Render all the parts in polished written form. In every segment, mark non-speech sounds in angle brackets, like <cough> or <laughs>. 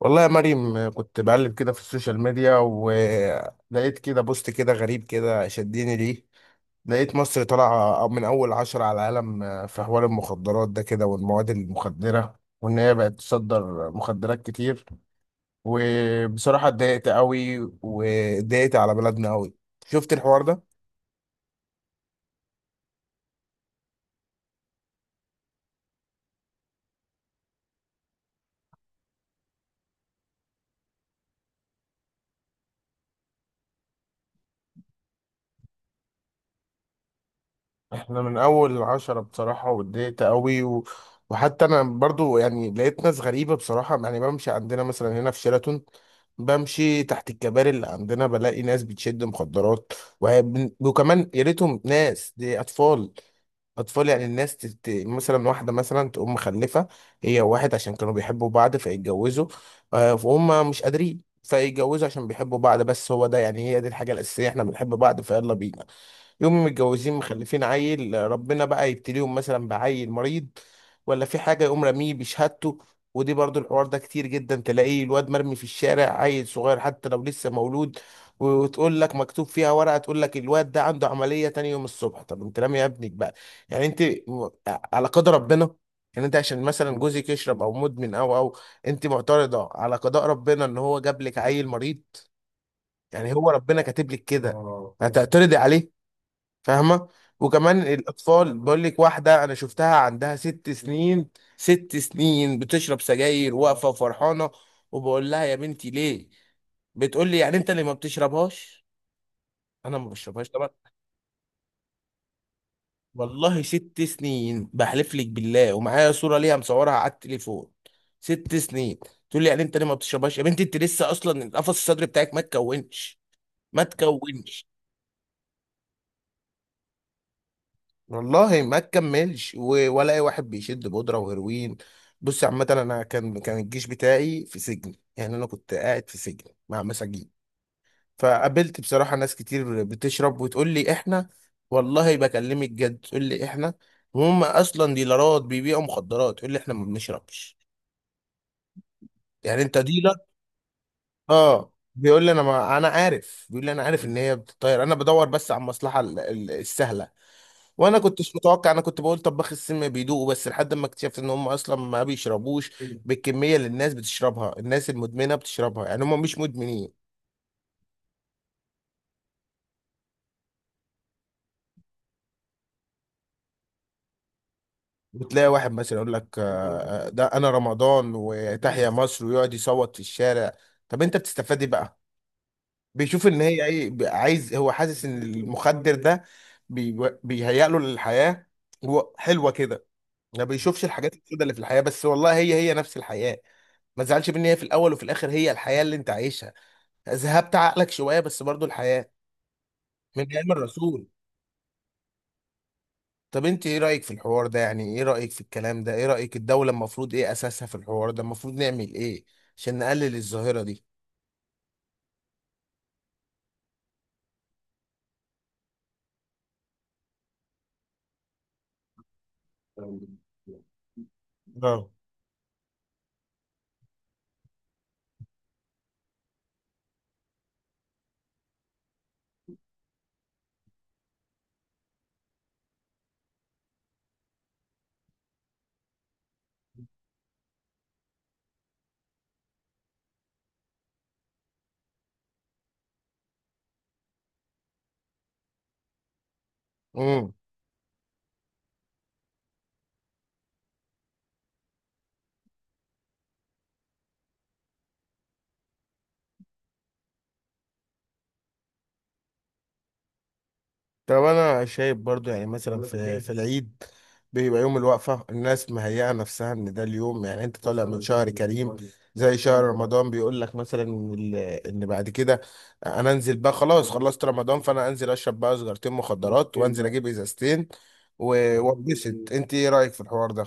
والله يا مريم، كنت بقلب كده في السوشيال ميديا، ولقيت كده بوست كده غريب كده، شدني ليه. لقيت مصر طالعة من أول 10 على العالم في حوار المخدرات ده كده، والمواد المخدرة، وإن هي بقت تصدر مخدرات كتير. وبصراحة اتضايقت قوي، واتضايقت على بلدنا قوي. شفت الحوار ده؟ احنا من اول 10 بصراحة، واتضايقت قوي وحتى انا برضو يعني لقيت ناس غريبة بصراحة، يعني بمشي عندنا مثلا هنا في شيراتون. بمشي تحت الكباري اللي عندنا، بلاقي ناس بتشد مخدرات. وكمان يا ريتهم ناس دي اطفال. اطفال، يعني الناس مثلا واحدة مثلا تقوم مخلفة. هي وواحد، عشان كانوا بيحبوا بعض فيتجوزوا. فهم مش قادرين فيتجوزوا عشان بيحبوا بعض، بس هو ده يعني، هي دي الحاجة الأساسية، احنا بنحب بعض فيلا بينا. يوم متجوزين، مخلفين عيل، ربنا بقى يبتليهم مثلا بعيل مريض. ولا في حاجة، يقوم راميه بشهادته. ودي برضو الحوار ده كتير جدا، تلاقيه الواد مرمي في الشارع، عيل صغير حتى لو لسه مولود. وتقول لك مكتوب فيها ورقة، تقول لك الواد ده عنده عملية تاني يوم الصبح. طب انت رامي يا ابنك بقى. يعني انت على قدر ربنا. يعني انت عشان مثلا جوزك يشرب او مدمن او. انت معترضة على قضاء ربنا ان هو جاب لك عيل مريض؟ يعني هو ربنا كاتب لك كده، هتعترضي عليه؟ فاهمه؟ وكمان الاطفال، بقول لك واحده انا شفتها عندها 6 سنين. 6 سنين بتشرب سجاير، واقفه وفرحانه. وبقول لها يا بنتي ليه؟ بتقول لي، يعني انت اللي ما بتشربهاش؟ انا ما بشربهاش طبعا. والله 6 سنين، بحلف لك بالله ومعايا صوره ليها مصورها على التليفون. 6 سنين. تقول لي، يعني انت اللي ما بتشربهاش. يا بنتي انت لسه اصلا، القفص الصدري بتاعك ما تكونش. ما تكونش. والله ما تكملش ولا اي واحد بيشد بودره وهيروين. بص عامه، انا كان الجيش بتاعي في سجن، يعني انا كنت قاعد في سجن مع مساجين. فقابلت بصراحه ناس كتير بتشرب، وتقول لي احنا. والله بكلمك جد، تقول لي احنا. وهم اصلا ديلرات بيبيعوا مخدرات، تقول لي احنا ما بنشربش. يعني انت ديلر. اه بيقول لي انا، ما انا عارف، بيقول لي انا عارف ان هي بتطير، انا بدور بس على المصلحه السهله. وانا كنتش متوقع، انا كنت بقول طباخ السم بيدوقوا، بس لحد ما اكتشفت ان هم اصلا ما بيشربوش بالكميه اللي الناس بتشربها، الناس المدمنه بتشربها، يعني هم مش مدمنين. بتلاقي واحد مثلا يقول لك آه، آه، ده انا رمضان وتحيا مصر، ويقعد يصوت في الشارع. طب انت بتستفاد ايه بقى؟ بيشوف ان هي ايه، عايز، هو حاسس ان المخدر ده بيهيأ له للحياه. حلوه كده. ما بيشوفش الحاجات السوداء اللي في الحياه، بس والله هي هي نفس الحياه. ما تزعلش مني، هي في الاول وفي الاخر هي الحياه اللي انت عايشها. ذهبت عقلك شويه، بس برضو الحياه. من ايام الرسول. طب انت ايه رايك في الحوار ده؟ يعني ايه رايك في الكلام ده؟ ايه رايك الدوله المفروض ايه اساسها في الحوار ده؟ المفروض نعمل ايه؟ عشان نقلل الظاهره دي. اه. امم. طب انا شايف برضو يعني مثلا في العيد. بيبقى يوم الوقفة، الناس مهيئة نفسها ان ده اليوم، يعني انت طالع من شهر كريم. زي شهر رمضان، بيقول لك مثلا إن بعد كده. انا انزل بقى خلاص خلصت رمضان، فانا انزل اشرب بقى سجارتين مخدرات، وانزل اجيب ازازتين وانبسط. انت ايه رأيك في الحوار ده؟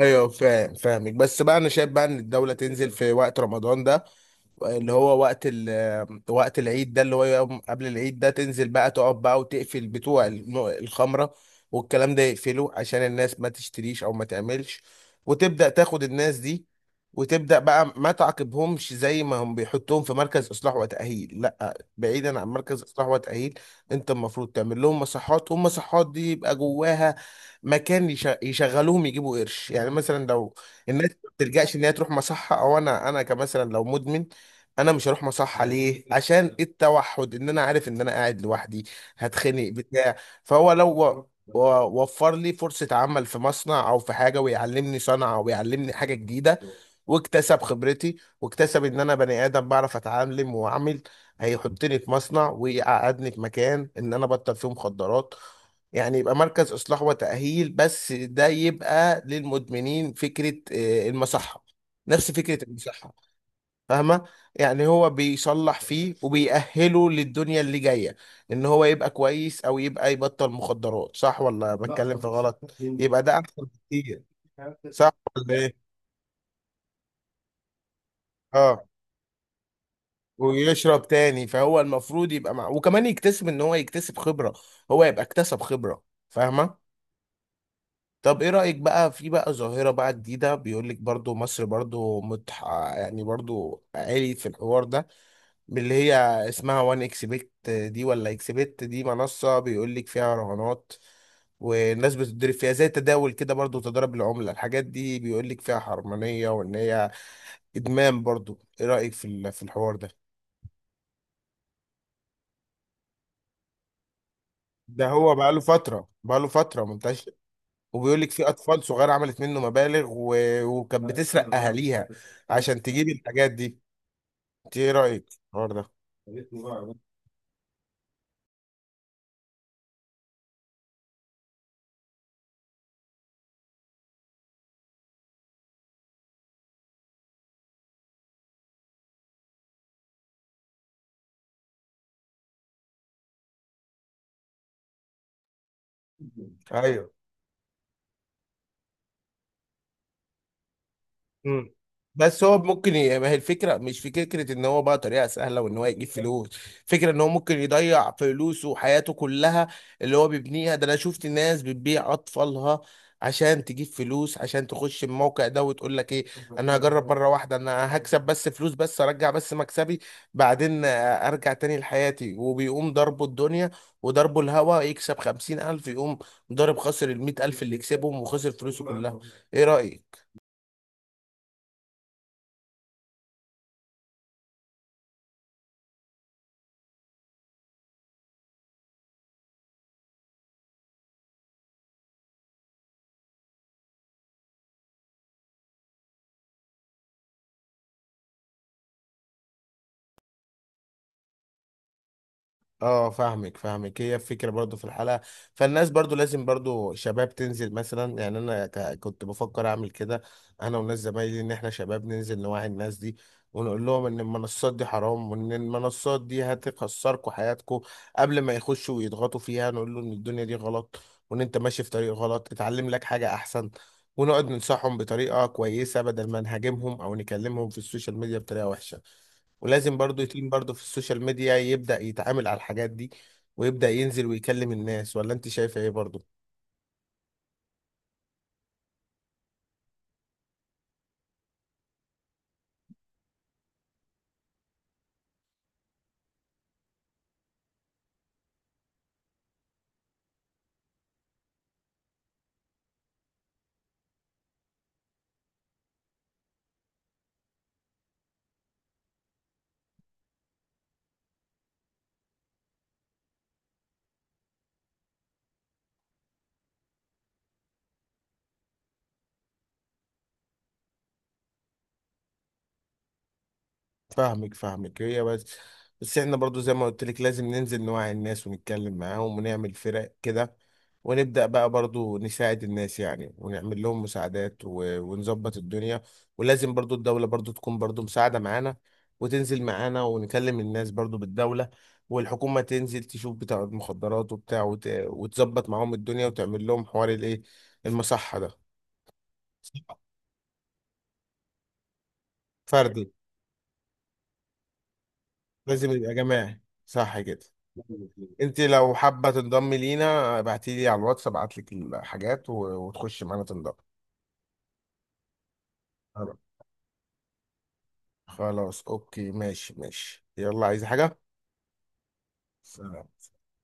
ايوه، فاهمك. بس بقى انا شايف بقى ان الدولة تنزل في وقت رمضان ده، اللي هو وقت العيد ده، اللي هو يوم قبل العيد ده، تنزل بقى تقعد بقى وتقفل بتوع الخمرة. والكلام ده يقفله عشان الناس ما تشتريش او ما تعملش. وتبدأ تاخد الناس دي. وتبدأ بقى ما تعاقبهمش زي ما هم بيحطوهم في مركز اصلاح وتأهيل، لا، بعيدا عن مركز اصلاح وتأهيل. انت المفروض تعمل لهم مصحات، والمصحات دي يبقى جواها مكان يشغلوهم، يجيبوا قرش، يعني مثلا لو الناس ما بتلجأش ان هي تروح مصحة، او انا كمثلا لو مدمن. انا مش هروح مصحة، ليه؟ عشان التوحد، ان انا عارف ان انا قاعد لوحدي، هتخنق بتاع. فهو لو وفر لي فرصة عمل في مصنع او في حاجة، ويعلمني صنعة ويعلمني حاجة جديدة. واكتسب خبرتي، واكتسب ان انا بني ادم بعرف اتعلم واعمل. هيحطني في مصنع، ويقعدني في مكان ان انا بطل فيه مخدرات. يعني يبقى مركز اصلاح وتأهيل، بس ده يبقى للمدمنين، فكرة المصحة. نفس فكرة المصحة. فاهمة؟ يعني هو بيصلح فيه، وبيأهله للدنيا اللي جاية. ان هو يبقى كويس، او يبقى يبطل مخدرات. صح ولا بتكلم في غلط؟ يبقى ده احسن بكتير. <laughs> صح. ولا ايه؟ اه ويشرب تاني، فهو المفروض يبقى مع، وكمان يكتسب ان هو يكتسب خبرة. هو يبقى اكتسب خبرة. فاهمة؟ طب ايه رأيك بقى في بقى ظاهرة بقى جديدة، بيقول لك برضو مصر برضو يعني برضو عالي في الحوار ده، باللي هي اسمها وان اكس بت دي، ولا اكس بت دي، منصة بيقول لك فيها رهانات. والناس بتضرب فيها زي تداول كده برضو، تضارب العملة، الحاجات دي بيقول لك فيها حرمانية، وان هي ادمان برضو. ايه رأيك في في الحوار ده؟ ده هو بقاله فترة منتشر. وبيقول لك في اطفال صغيرة عملت منه مبالغ وكانت بتسرق اهاليها، عشان تجيب الحاجات دي. انت ايه رأيك في الحوار ده؟ ايوه. مم. بس هو ممكن ما هي الفكره، مش في فكره ان هو بقى طريقه سهله وان هو يجيب فلوس. فكره ان هو ممكن يضيع فلوسه وحياته كلها اللي هو بيبنيها ده، انا شفت ناس بتبيع اطفالها، عشان تجيب فلوس، عشان تخش الموقع ده، وتقول لك ايه. انا هجرب مره واحده، انا هكسب بس فلوس، بس ارجع بس مكسبي بعدين. ارجع تاني لحياتي، وبيقوم ضربه الدنيا وضربه الهوا، يكسب 50 الف يقوم ضارب، خسر 100 الف اللي كسبهم، وخسر فلوسه كلها. ايه رأيك؟ اه، فاهمك، هي الفكره برضو في الحلقه. فالناس برضو لازم برضو شباب تنزل مثلا، يعني انا كنت بفكر اعمل كده. انا والناس زمايلي، ان احنا شباب ننزل نوعي الناس دي، ونقول لهم ان المنصات دي حرام، وان المنصات دي هتخسركم حياتكم. قبل ما يخشوا ويضغطوا فيها، نقول له ان الدنيا دي غلط، وان انت ماشي في طريق غلط، اتعلم لك حاجه احسن. ونقعد ننصحهم بطريقه كويسه، بدل ما نهاجمهم او نكلمهم في السوشيال ميديا بطريقه وحشه. ولازم برضو يتيم برضو في السوشيال ميديا يبدأ يتعامل على الحاجات دي، ويبدأ ينزل ويكلم الناس. ولا انت شايفة ايه برضو؟ فاهمك. هي بس، بس احنا برضو، زي ما قلت لك، لازم ننزل نوعي الناس ونتكلم معاهم ونعمل فرق كده. ونبدأ بقى برضو نساعد الناس يعني، ونعمل لهم مساعدات ونظبط الدنيا. ولازم برضو الدولة برضو تكون برضو مساعدة معانا، وتنزل معانا ونكلم الناس برضو بالدولة. والحكومة تنزل تشوف بتاع المخدرات وبتاع، وتظبط معاهم الدنيا، وتعمل لهم حوار الايه، المصحة ده. صح. فردي، لازم يبقى جماعي، صح كده؟ انت لو حابه تنضمي لينا، ابعتي لي على الواتس، ابعت لك الحاجات وتخشي معانا تنضمي. خلاص. خلاص، اوكي، ماشي ماشي، يلا. عايزه حاجه؟ سلام.